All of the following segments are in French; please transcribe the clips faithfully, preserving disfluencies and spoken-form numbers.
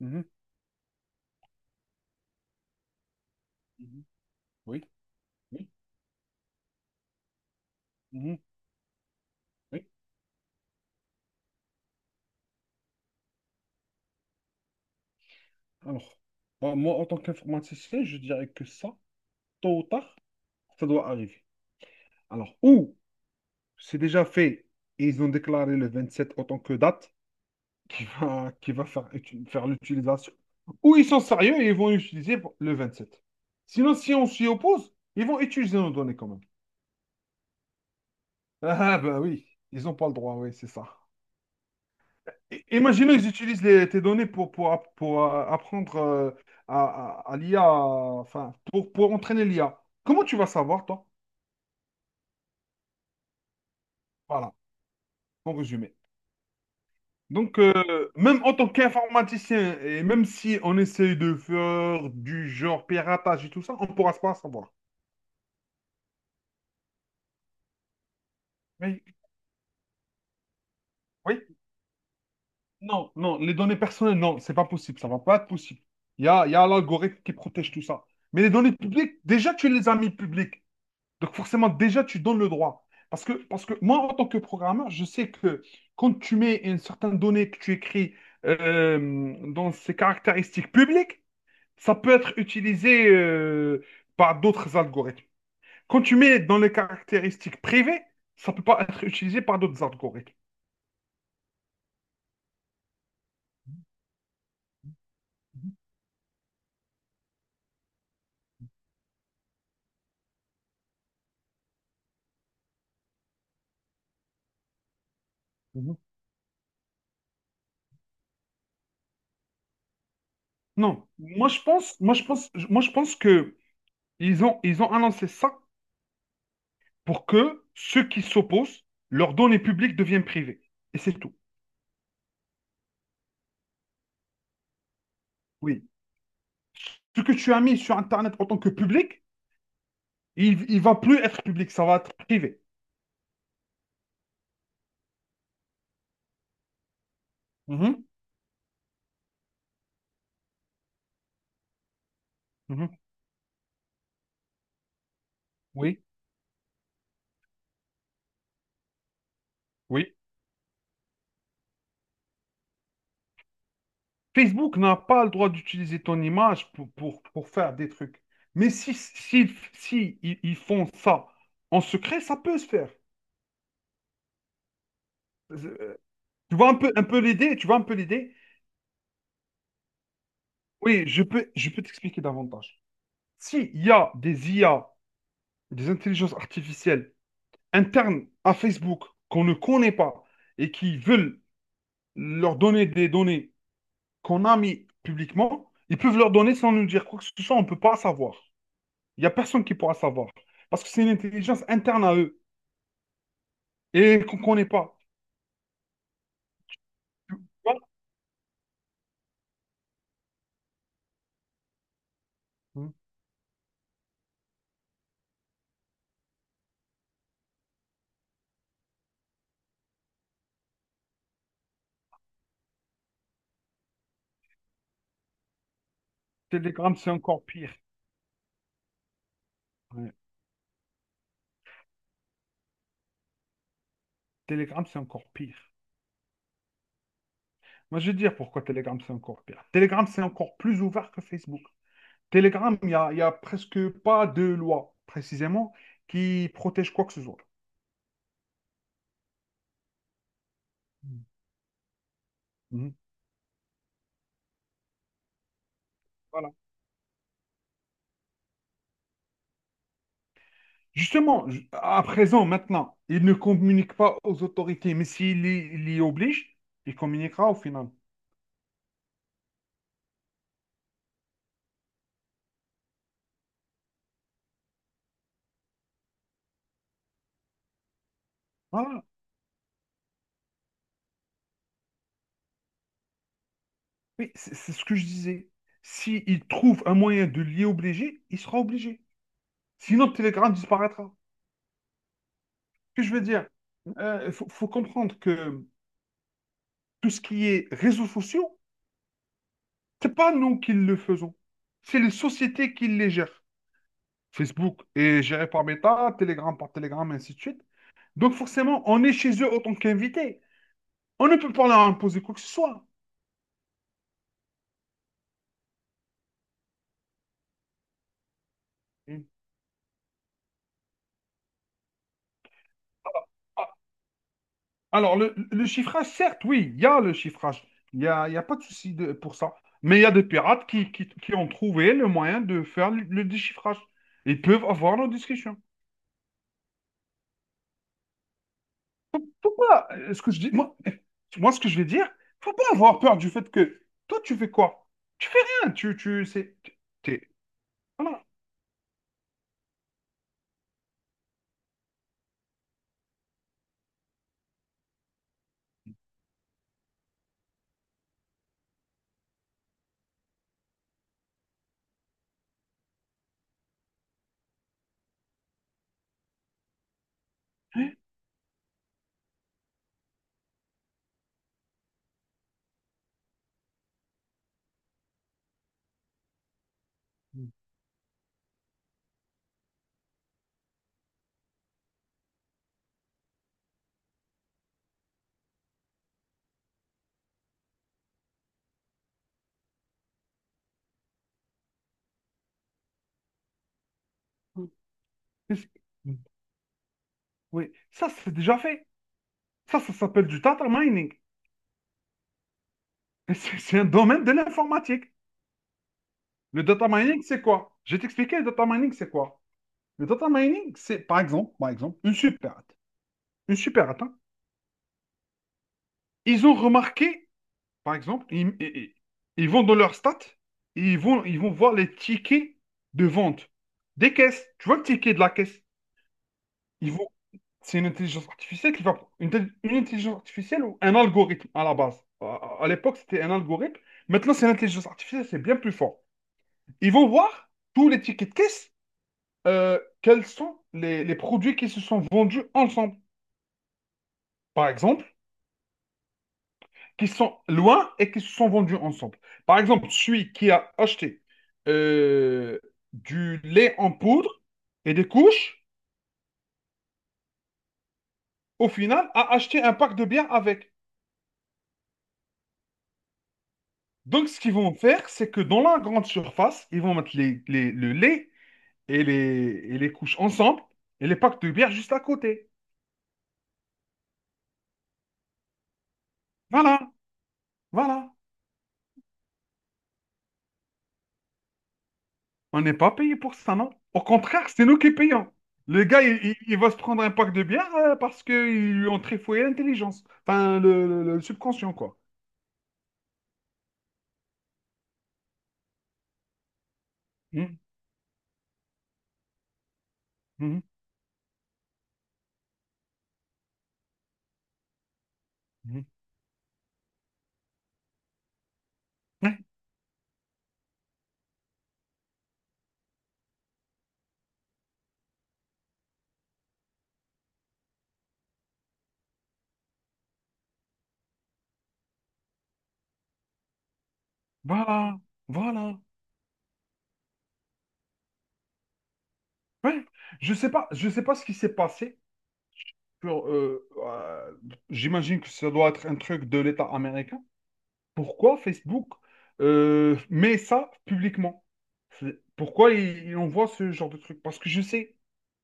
Mhm, mhm. Oui, oui, mhm, oui. Alors, bah, moi, en tant qu'informaticien, je dirais que ça, tôt ou tard, ça doit arriver. Alors, ou c'est déjà fait et ils ont déclaré le vingt-sept en tant que date qui va, qui va faire, utu- faire l'utilisation, ou ils sont sérieux et ils vont utiliser pour- le sept. Sinon, si on s'y oppose, ils vont utiliser nos données quand même. Ah, ben oui, ils n'ont pas le droit, oui, c'est ça. I- Imaginons, ils utilisent les- tes données pour, pour, app- pour, euh, apprendre euh, à, à- à l'I A, euh, enfin, pour, pour entraîner l'I A. Comment tu vas savoir, toi? Voilà, en résumé. Donc, euh, même en tant qu'informaticien, et même si on essaye de faire du genre piratage et tout ça, on ne pourra pas savoir. Oui, oui, non, non, les données personnelles, non, c'est pas possible, ça va pas être possible. Il y a, il y a l'algorithme qui protège tout ça. Mais les données publiques, déjà, tu les as mis publiques. Donc forcément, déjà, tu donnes le droit. Parce que, parce que moi, en tant que programmeur, je sais que quand tu mets une certaine donnée que tu écris euh, dans ses caractéristiques publiques, ça peut être utilisé euh, par d'autres algorithmes. Quand tu mets dans les caractéristiques privées, ça ne peut pas être utilisé par d'autres algorithmes. Mhm. Non, moi je pense, moi je pense, moi je pense que ils ont, ils ont annoncé ça pour que ceux qui s'opposent, leurs données publiques deviennent privées. Et c'est tout. Oui, ce que tu as mis sur Internet en tant que public, il ne va plus être public, ça va être privé. Mhm, mhm. Oui, oui. Facebook n'a pas le droit d'utiliser ton image pour, pour, pour faire des trucs. Mais si, si, si ils, ils font ça en secret, ça peut se faire. Euh, Tu vois un peu, un peu l'idée, tu vois un peu l'idée. Oui, je peux, je peux t'expliquer davantage. S'il y a des I A, des intelligences artificielles internes à Facebook qu'on ne connaît pas et qui veulent leur donner des données qu'on a mis publiquement, ils peuvent leur donner sans nous dire quoi que ce soit, on ne peut pas savoir. Il n'y a personne qui pourra savoir. Parce que c'est une intelligence interne à eux et qu'on ne connaît pas. Tu vois. Mhm. Telegram, c'est encore pire. Ouais. Telegram, c'est encore pire. Moi, je vais dire pourquoi Telegram, c'est encore pire. Telegram, c'est encore plus ouvert que Facebook. Telegram, il n'y a, y a presque pas de loi, précisément, qui protège quoi que ce soit. Mhm. Mhm. Voilà. Justement, ju- à présent, maintenant, il ne communique pas aux autorités, mais s'il y, il y oblige, il communiquera au final. Voilà. Oui, c'est c'est ce que je disais. S'il trouve un moyen de l'y obliger, il sera obligé. Sinon, Telegram disparaîtra. Ce que je veux dire, euh, il faut, faut comprendre que tout ce qui est réseaux sociaux, c'est pas nous qui le faisons. C'est les sociétés qui les gèrent. Facebook est géré par Meta, Telegram par Telegram, ainsi de suite. Donc forcément, on est chez eux en tant qu'invité. On ne peut pas leur imposer quoi que ce soit. Mm. Ah, alors, le, le chiffrage, certes, oui, il y a le chiffrage. Il n'y a, il y a pas de souci de- pour ça. Mais il y a des pirates qui, qui, qui ont trouvé le moyen de faire le, le déchiffrage. Ils peuvent avoir nos discussions. Faut pas, euh, ce que je dis, moi, moi, ce que je vais dire, faut pas avoir peur du fait que toi, tu fais quoi? Tu fais rien. Tu, tu, c'est, t'es, voilà. Mais c'est- Mm. Oui, ça, c'est déjà fait. Ça, ça s'appelle du data mining. Et C'est c'est un domaine de l'informatique. Le data mining, c'est quoi? Je vais t'expliquer le data mining, c'est quoi? Le data mining, c'est par exemple, par exemple, une superette. Une superette, hein. Ils ont remarqué, par exemple, ils, ils- ils- ils vont dans leurs stats, et ils vont, ils vont voir les tickets de vente des caisses. Tu vois le ticket de la caisse? Ils vont, c'est une intelligence artificielle qui va. Une, tel- une intelligence artificielle ou un algorithme à la base. À, à l'époque, c'était un algorithme. Maintenant, c'est l'intelligence artificielle, c'est bien plus fort. Ils vont voir tous les tickets de caisse euh, quels sont les, les produits qui se sont vendus ensemble. Par exemple, qui sont loin et qui se sont vendus ensemble. Par exemple, celui qui a acheté euh, du lait en poudre et des couches, au final, a acheté un pack de bière avec. Donc, ce qu'ils vont faire, c'est que dans la grande surface, ils vont mettre les, les- le lait et les, et les couches ensemble et les packs de bière juste à côté. Voilà, voilà. On n'est pas payé pour ça, non? Au contraire, c'est nous qui payons. Le gars, il, il- il va se prendre un pack de bière euh, parce qu'ils lui ont trifouillé l'intelligence. Enfin, le, le- le subconscient, quoi. Mhm, mhm, mhm. Ouais, voilà, voilà. Ouais. Je sais pas, je sais pas ce qui s'est passé. sur, euh, euh, J'imagine que ça doit être un truc de l'État américain. Pourquoi Facebook euh, met ça publiquement? C'est- Pourquoi il, il envoie ce genre de truc? Parce que je sais.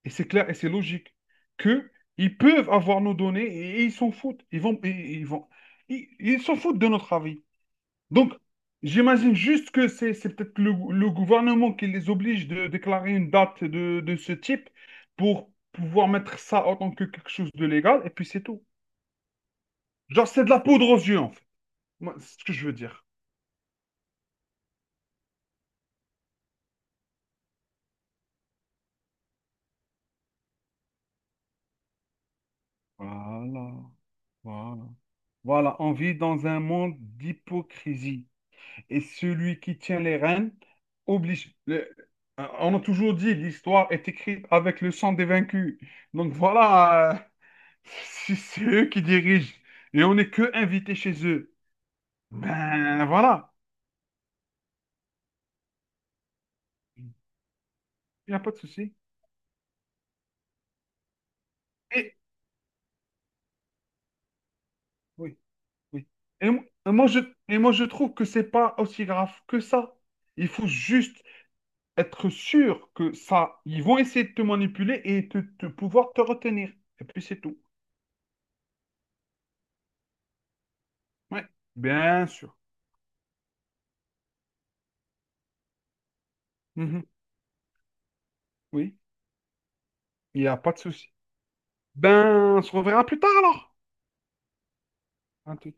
Et c'est clair et c'est logique que ils peuvent avoir nos données et, ils s'en foutent. Ils vont, ils, ils vont, ils, ils s'en foutent de notre avis. Donc, j'imagine juste que c'est, c'est peut-être le, le gouvernement qui les oblige de déclarer une date de, de ce type pour pouvoir mettre ça en tant que quelque chose de légal et puis c'est tout. Genre, c'est de la poudre aux yeux, en fait. Moi, c'est ce que je veux dire. Voilà, voilà. Voilà, on vit dans un monde d'hypocrisie. Et celui qui tient les rênes oblige. Le- euh, on a toujours dit, l'histoire est écrite avec le sang des vaincus. Donc voilà, euh, c'est c'est eux qui dirigent et on n'est que invités chez eux. Ben voilà, il n'y a pas de souci. Et oui, oui. Et, mo- et moi je et moi je trouve que c'est pas aussi grave que ça. Il faut juste être sûr que ça, ils vont essayer de te manipuler et de, pouvoir te retenir. Et puis c'est tout. Ouais, bien sûr. Mhm. Oui, il n'y a pas de souci. Ben, on se reverra plus tard alors. À tout.